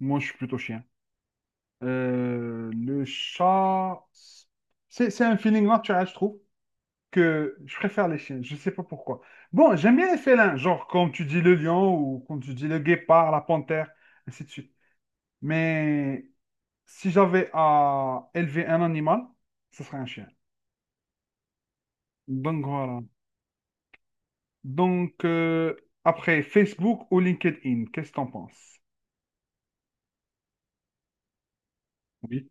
Moi, je suis plutôt chien. Euh, le chat, c'est un feeling naturel, je trouve, que je préfère les chiens. Je sais pas pourquoi. Bon, j'aime bien les félins, genre comme tu dis le lion ou comme tu dis le guépard, la panthère, ainsi de suite. Mais si j'avais à élever un animal, ce serait un chien. Donc voilà. Donc, après, Facebook ou LinkedIn, qu'est-ce que t'en penses? Oui.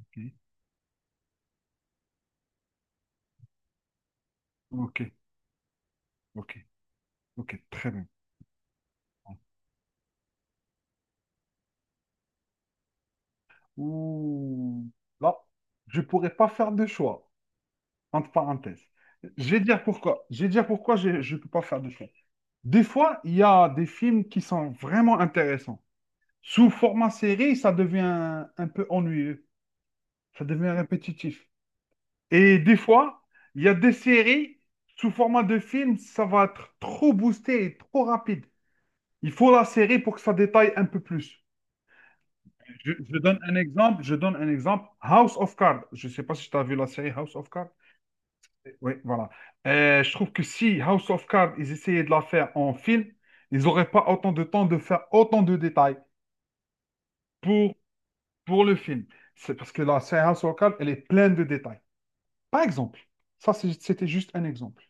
Ok, ok, ok, ok, très bien. Ouh, là, je pourrais pas faire de choix, entre parenthèses. Je vais dire pourquoi. Je vais dire pourquoi je ne peux pas faire de choix. Des fois, il y a des films qui sont vraiment intéressants. Sous format série, ça devient un peu ennuyeux. Ça devient répétitif. Et des fois, il y a des séries, sous format de film, ça va être trop boosté et trop rapide. Il faut la série pour que ça détaille un peu plus. Je donne un exemple, je donne un exemple. House of Cards. Je ne sais pas si tu as vu la série House of Cards. Oui, voilà. Je trouve que si House of Cards, ils essayaient de la faire en film, ils n'auraient pas autant de temps de faire autant de détails pour, pour le film. C'est parce que la série House of Cards, elle est pleine de détails. Par exemple, c'était juste un exemple.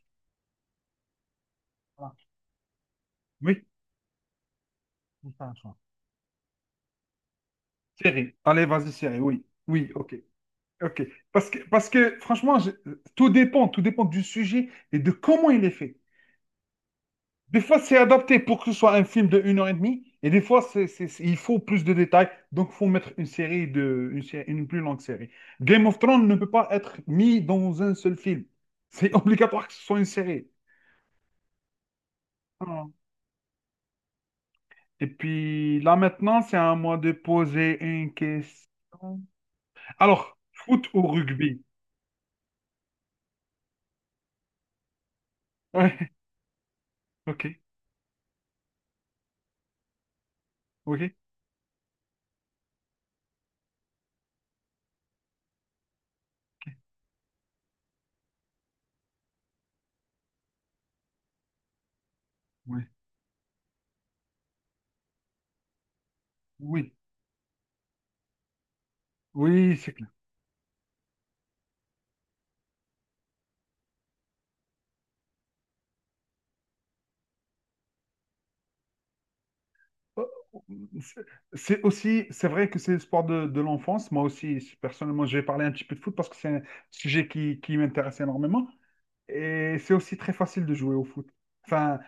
Voilà. Oui, c'est ça, ça. Série. Allez, vas-y, série. Oui, oui, ok. Ok. Parce que franchement, tout dépend du sujet et de comment il est fait. Des fois, c'est adapté pour que ce soit un film de une heure et demie et des fois, il faut plus de détails, donc il faut mettre une série de, une, sé- une plus longue série. Game of Thrones ne peut pas être mis dans un seul film. C'est obligatoire que ce soit une série. Ah. Et puis là maintenant, c'est à moi de poser une question. Alors, foot ou rugby? Ouais, ok, ok, oui, oui, oui, c'est clair. C'est c'est aussi, c'est vrai que c'est le sport de l'enfance. Moi aussi, personnellement, je vais parler un petit peu de foot parce que c'est un sujet qui m'intéresse énormément. Et c'est aussi très facile de jouer au foot. Enfin,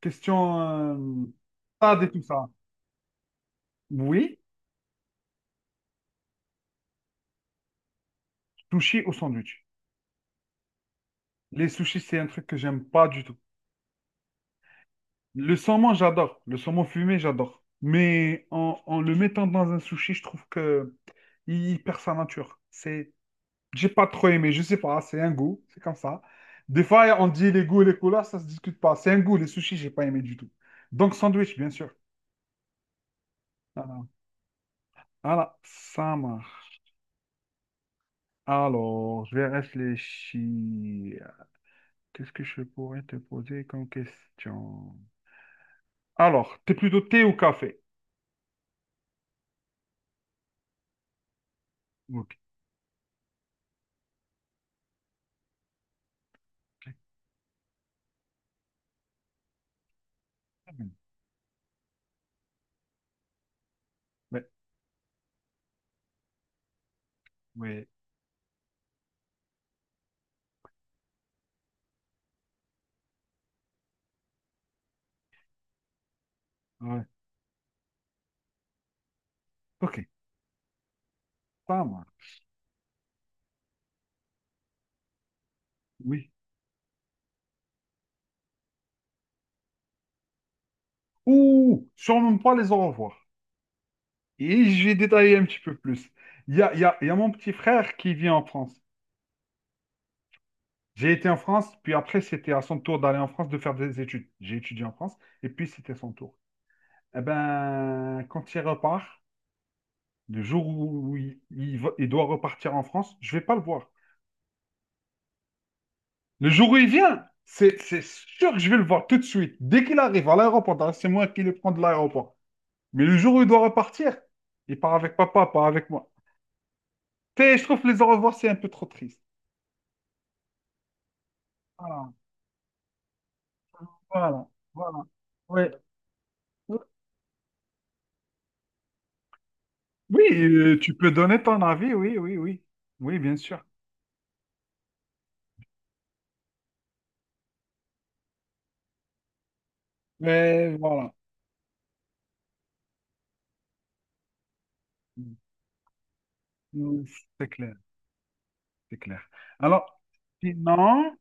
question stade et tout ça. Oui, sushi au sandwich. Les sushis, c'est un truc que j'aime pas du tout. Le saumon, j'adore. Le saumon fumé, j'adore. Mais en le mettant dans un sushi, je trouve que il perd sa nature. C'est j'ai pas trop aimé, je sais pas, c'est un goût, c'est comme ça. Des fois, on dit les goûts et les couleurs, ça se discute pas. C'est un goût, les sushis, j'ai pas aimé du tout. Donc, sandwich, bien sûr. Voilà, voilà, ça marche. Alors, je vais réfléchir. Qu'est-ce que je pourrais te poser comme question? Alors, t'es plutôt thé ou café? Ok. Ouais, ouais, ouais. Ok, ça marche. Oui. Ouh, surnomme pas les au revoir. Et je vais détailler un petit peu plus. Il y a, il y a, il y a mon petit frère qui vit en France. J'ai été en France, puis après, c'était à son tour d'aller en France, de faire des études. J'ai étudié en France, et puis c'était son tour. Eh ben, quand il repart, le jour où il doit repartir en France, je vais pas le voir. Le jour où il vient, c'est sûr que je vais le voir tout de suite. Dès qu'il arrive à l'aéroport, d'ailleurs, c'est moi qui le prends de l'aéroport. Mais le jour où il doit repartir, il part avec papa, pas avec moi. Tu sais, je trouve que les au revoir, c'est un peu trop triste. Voilà, voilà, voilà. Ouais. Oui, tu peux donner ton avis, oui, oui, oui. Oui, bien sûr. Mais voilà, mm, c'est clair, c'est clair. Alors, sinon,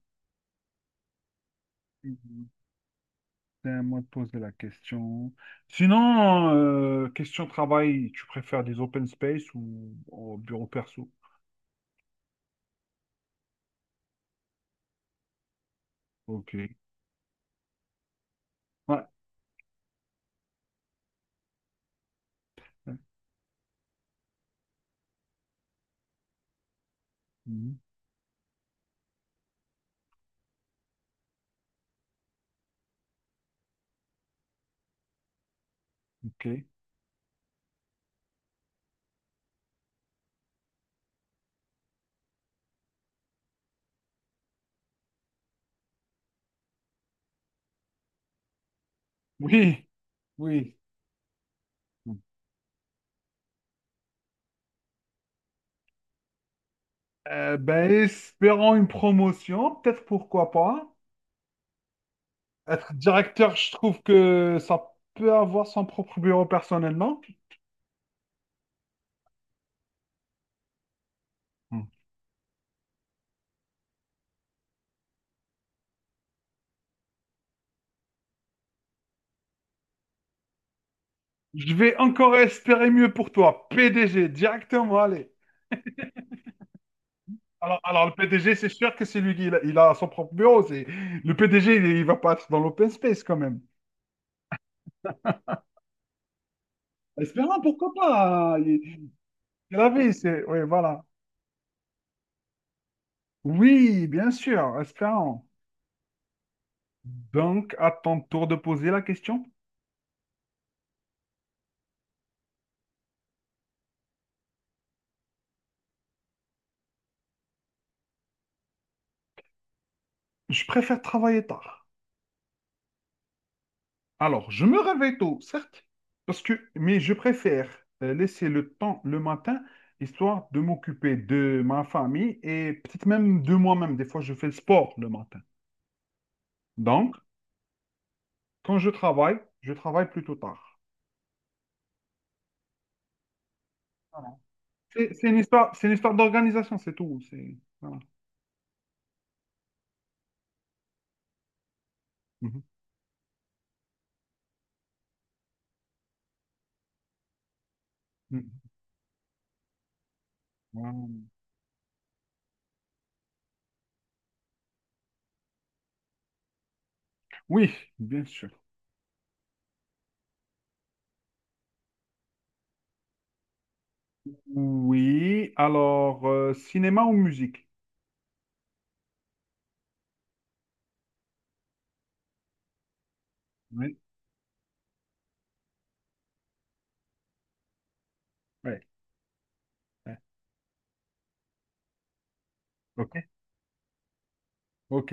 c'est à moi de poser la question. Sinon, question travail, tu préfères des open space ou au bureau perso? Ok. Ouais. Mhm. Ok. Oui, oui. Espérant une promotion, peut-être pourquoi pas. Être directeur, je trouve que ça peut avoir son propre bureau personnellement. Je vais encore espérer mieux pour toi. PDG, directement, allez. Alors le PDG, c'est sûr que c'est lui qui il a son propre bureau. C'est... Le PDG, il va pas être dans l'open space quand même. Espérant, pourquoi pas? Oui, voilà. Oui, bien sûr, espérant. Donc, à ton tour de poser la question. Je préfère travailler tard. Alors, je me réveille tôt, certes, parce que, mais je préfère laisser le temps le matin, histoire de m'occuper de ma famille et peut-être même de moi-même. Des fois, je fais le sport le matin. Donc, quand je travaille plutôt tard. Voilà. C'est une histoire, c'est une histoire d'organisation, c'est tout. C'est, voilà. Mhm, mhm. Voilà. Oui, bien sûr. Oui, alors, cinéma ou musique? Oui, ouais, ouais. Ok, ok,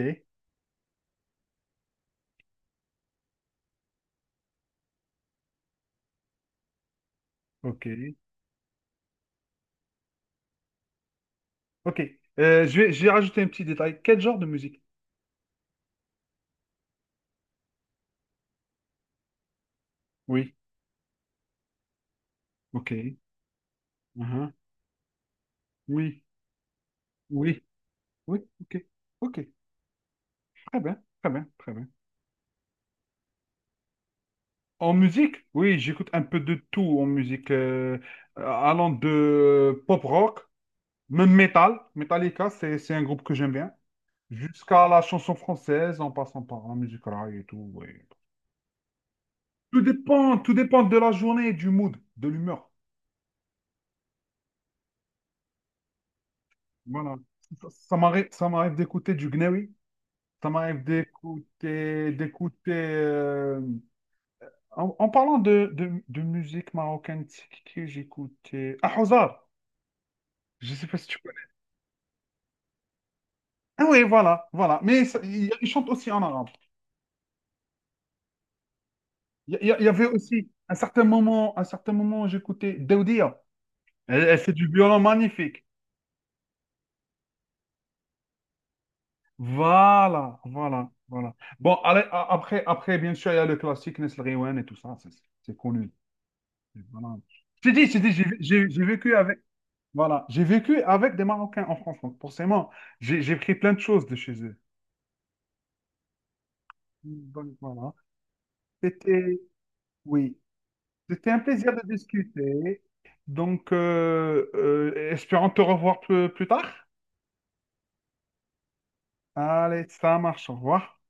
ok. Ok. Je vais rajouter un petit détail. Quel genre de musique? Oui. Ok. Mhm. Oui. Oui. Oui. Ok. Ok. Très bien. Très bien. Très bien. En musique? Oui, j'écoute un peu de tout en musique. Allant de pop rock, même metal. Metallica, c'est un groupe que j'aime bien. Jusqu'à la chanson française, en passant par la musique rail et tout. Oui. Tout dépend de la journée, du mood, de l'humeur. Voilà. Ça m'arrive d'écouter du Gnewi. Ça m'arrive d'écouter. En parlant de musique marocaine, c'est qui que j'écoutais? Ah, Houzar! Je sais pas si tu connais. Ah oui, voilà, voilà. Il chante aussi en arabe. Il y avait aussi un certain moment, j'écoutais Daoudia. Elle, elle fait du violon magnifique. Voilà, voilà, voilà. Bon, allez, après, bien sûr, il y a le classique Nesl Rewen et tout ça. C'est connu. Voilà. J'ai vécu avec. Voilà, j'ai vécu avec des Marocains en France, donc forcément, j'ai pris plein de choses de chez eux. Donc voilà, c'était, oui, c'était un plaisir de discuter. Donc, espérons te revoir plus, plus tard. Allez, ça marche, au revoir.